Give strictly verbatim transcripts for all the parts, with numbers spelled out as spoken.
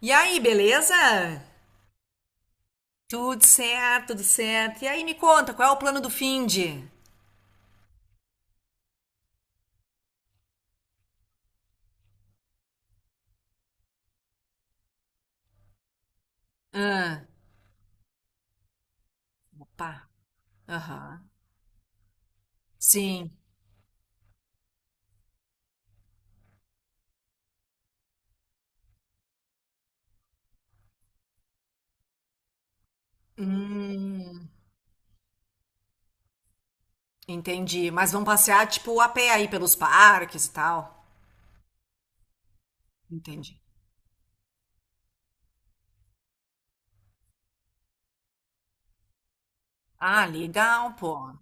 E aí, beleza? Tudo certo, tudo certo. E aí, me conta, qual é o plano do finde? Ah, opa, aham. Sim. Hum, entendi. Mas vão passear, tipo, a pé aí pelos parques e tal? Entendi. Ah, legal, pô.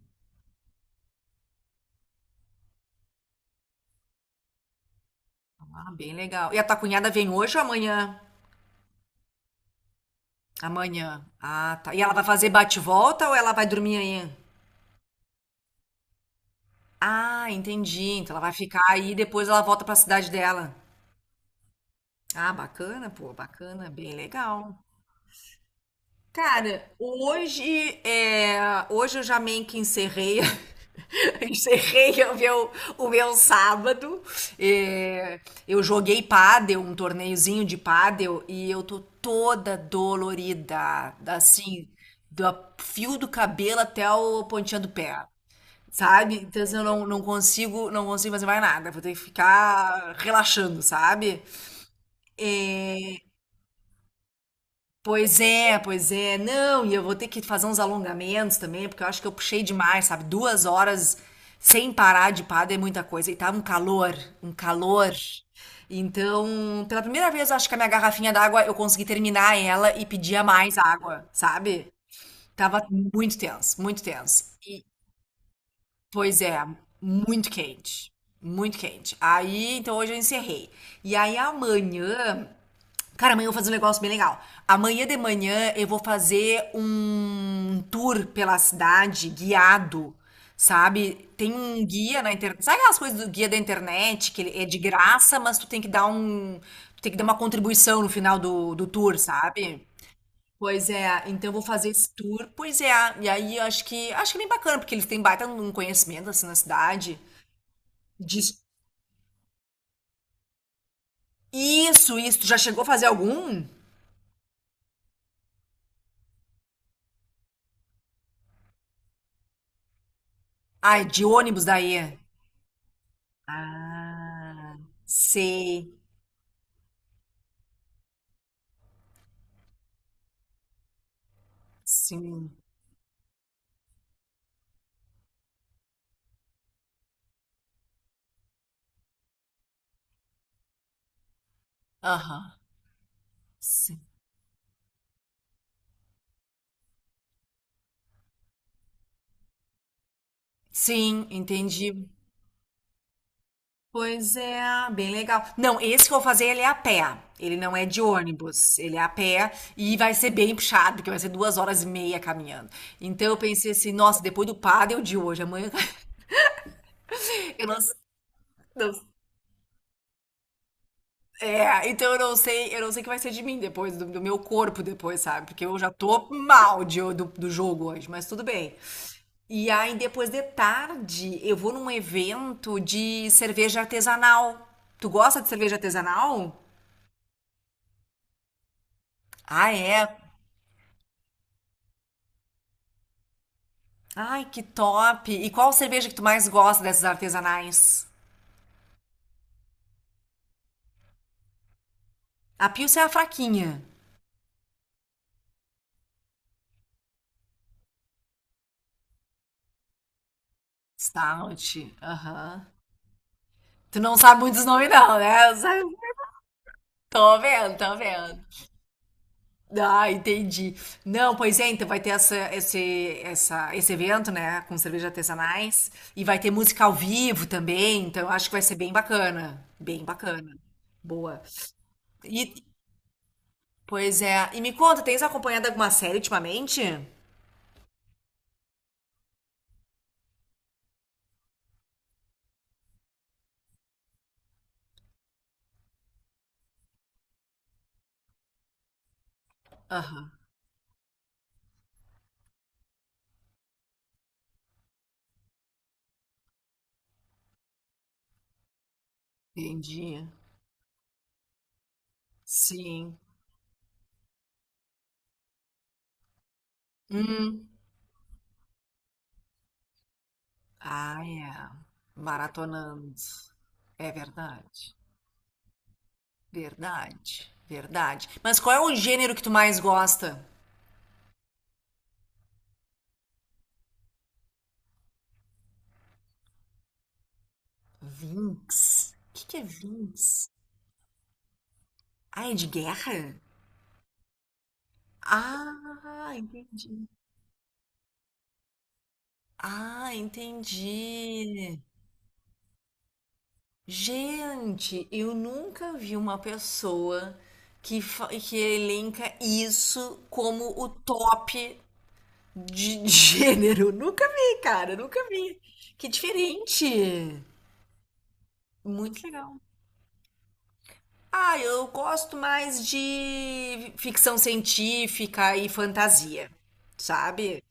Ah, bem legal. E a tua cunhada vem hoje ou amanhã? Amanhã. Ah, tá. E ela vai fazer bate-volta ou ela vai dormir aí? Ah, entendi. Então ela vai ficar aí e depois ela volta pra cidade dela. Ah, bacana, pô, bacana, bem legal. Cara, hoje é, hoje eu já meio que encerrei, encerrei o meu, o meu sábado. É, eu joguei pádel, um torneiozinho de pádel, e eu tô toda dolorida, assim, do fio do cabelo até o pontinha do pé, sabe? Então assim, eu não, não consigo, não consigo fazer mais nada, vou ter que ficar relaxando, sabe? Pois é, pois é. Não, e eu vou ter que fazer uns alongamentos também, porque eu acho que eu puxei demais, sabe? Duas horas sem parar de pádel é muita coisa. E tava um calor, um calor. Então, pela primeira vez, eu acho que a minha garrafinha d'água eu consegui terminar ela e pedia mais água, sabe? Tava muito tenso, muito tenso. E, pois é, muito quente, muito quente. Aí, então hoje eu encerrei. E aí amanhã. Cara, amanhã eu vou fazer um negócio bem legal. Amanhã de manhã eu vou fazer um tour pela cidade guiado, sabe? Tem um guia na internet. Sabe aquelas coisas do guia da internet, que ele é de graça, mas tu tem que dar um. Tu tem que dar uma contribuição no final do, do tour, sabe? Pois é, então eu vou fazer esse tour. Pois é, e aí eu acho que acho que é bem bacana, porque eles têm baita um conhecimento assim na cidade. Diz... Isso, isso. Tu já chegou a fazer algum? Ai, de ônibus daí. Ah, sei, sim, aham, sim, sim, entendi. Pois é, bem legal. Não, esse que eu vou fazer, ele é a pé, ele não é de ônibus, ele é a pé e vai ser bem puxado, porque vai ser duas horas e meia caminhando. Então eu pensei assim, nossa, depois do pádel de hoje, amanhã, eu não, não É, então eu não sei, eu não sei o que vai ser de mim depois, do, do meu corpo depois, sabe? Porque eu já tô mal de- do, do jogo hoje, mas tudo bem. E aí, depois de tarde, eu vou num evento de cerveja artesanal. Tu gosta de cerveja artesanal? Ah, é? Ai, que top! E qual cerveja que tu mais gosta dessas artesanais? A Pilsen é a fraquinha. Stout, aham. Tu não sabe muitos nomes não, né? Eu sabe- Tô vendo, tô vendo. Ah, entendi. Não, pois é, então vai ter essa, esse, essa, esse evento, né, com cerveja artesanais e vai ter música ao vivo também, então eu acho que vai ser bem bacana, bem bacana. Boa. E, pois é, e me conta, tens acompanhado alguma série ultimamente? Aham, entendi. Sim. Hum. Ah, é. Maratonando. É verdade. Verdade. Verdade. Mas qual é o gênero que tu mais gosta? Vinx? O que que é Vinx? Ah, é de guerra? Ah, entendi. Ah, entendi. Gente, eu nunca vi uma pessoa que, fa- que elenca isso como o top de gênero. Nunca vi, cara, nunca vi. Que diferente. Muito legal. Ah, eu gosto mais de ficção científica e fantasia, sabe?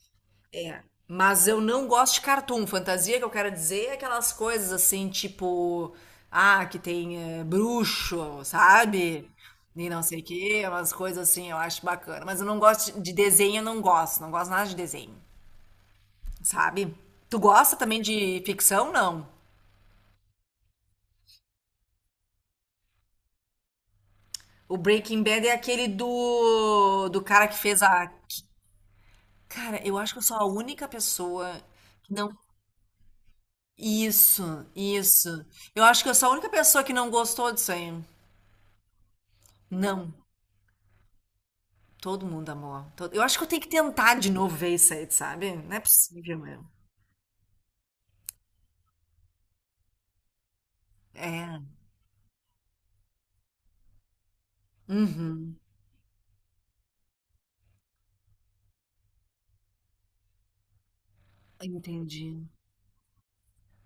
É. Mas eu não gosto de cartoon. Fantasia que eu quero dizer é aquelas coisas assim, tipo, ah, que tem eh, bruxo, sabe? E não sei o quê, umas coisas assim, eu acho bacana. Mas eu não gosto de de desenho, eu não gosto. Não gosto nada de desenho, sabe? Tu gosta também de ficção? Não. O Breaking Bad é aquele do, do cara que fez a. Cara, eu acho que eu sou a única pessoa que não. Isso, isso. Eu acho que eu sou a única pessoa que não gostou disso aí. Não. Todo mundo amou. Todo- Eu acho que eu tenho que tentar de novo ver isso aí, sabe? Não é possível mesmo. É. Uhum. Entendi.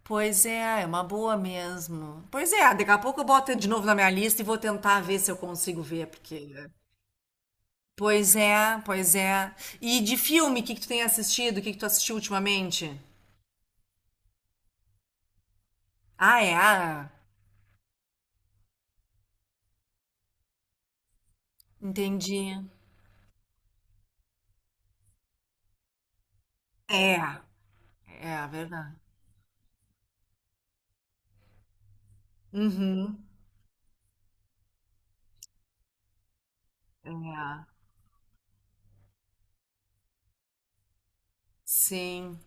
Pois é, é uma boa mesmo. Pois é, daqui a pouco eu boto de novo na minha lista e vou tentar ver se eu consigo ver, porque. Pois é, pois é. E de filme, o que que tu tem assistido? O que que tu assistiu ultimamente? Ah, é? Ah, entendi. É, é verdade. Uhum. É, sim.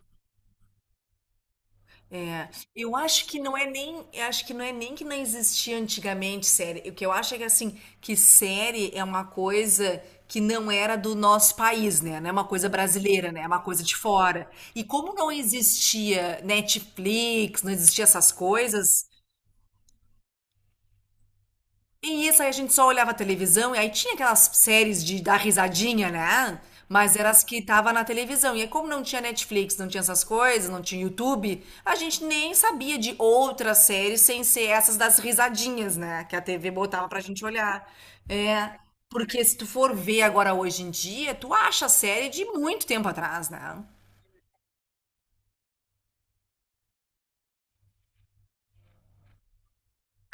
É, eu acho que não é nem, eu acho que não é nem que não existia antigamente série. O que eu acho é que assim, que série é uma coisa que não era do nosso país, né? Não é uma coisa brasileira, né? É uma coisa de fora. E como não existia Netflix, não existia essas coisas, e isso aí a gente só olhava a televisão, e aí tinha aquelas séries de dar risadinha, né? Mas eram as que tava na televisão. E aí, como não tinha Netflix, não tinha essas coisas, não tinha YouTube, a gente nem sabia de outras séries sem ser essas das risadinhas, né? Que a T V botava pra gente olhar. É, porque se tu for ver agora hoje em dia, tu acha a série de muito tempo atrás, né?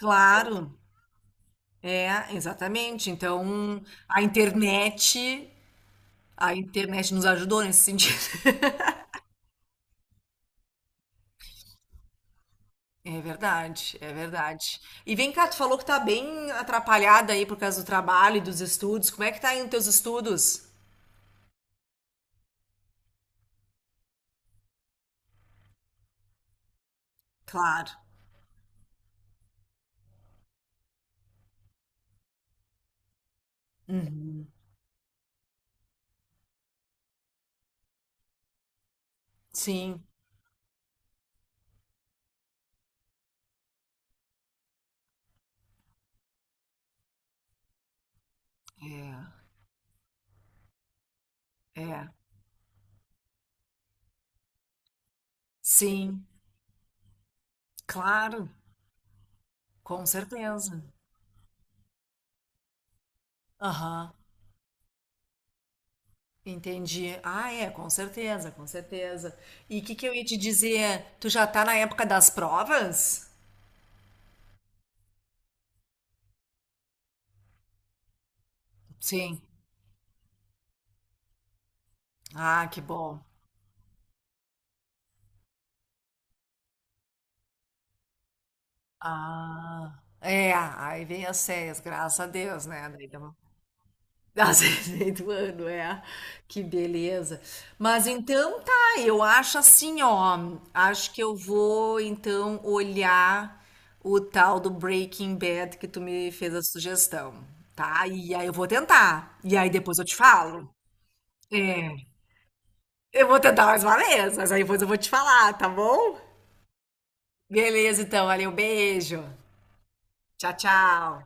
Claro, é, exatamente. Então, a internet, a internet nos ajudou nesse sentido. É verdade, é verdade. E vem cá, tu falou que tá bem atrapalhada aí por causa do trabalho e dos estudos. Como é que tá indo teus estudos? Claro. Uhum. Sim. É, é. Sim, claro. Com certeza. Aham. Entendi. Ah, é, com certeza, com certeza. E o que que eu ia te dizer? Tu já tá na época das provas? Sim. Ah, que bom. Ah, é, aí vem as séries, graças a Deus, né? Daí dá uma Nossa, meio do ano, é. Que beleza. Mas então tá, eu acho assim, ó. Acho que eu vou então olhar o tal do Breaking Bad que tu me fez a sugestão, tá? E aí eu vou tentar. E aí depois eu te falo. É. Eu vou tentar mais uma vez, mas aí depois eu vou te falar, tá bom? Beleza, então, valeu, beijo. Tchau, tchau.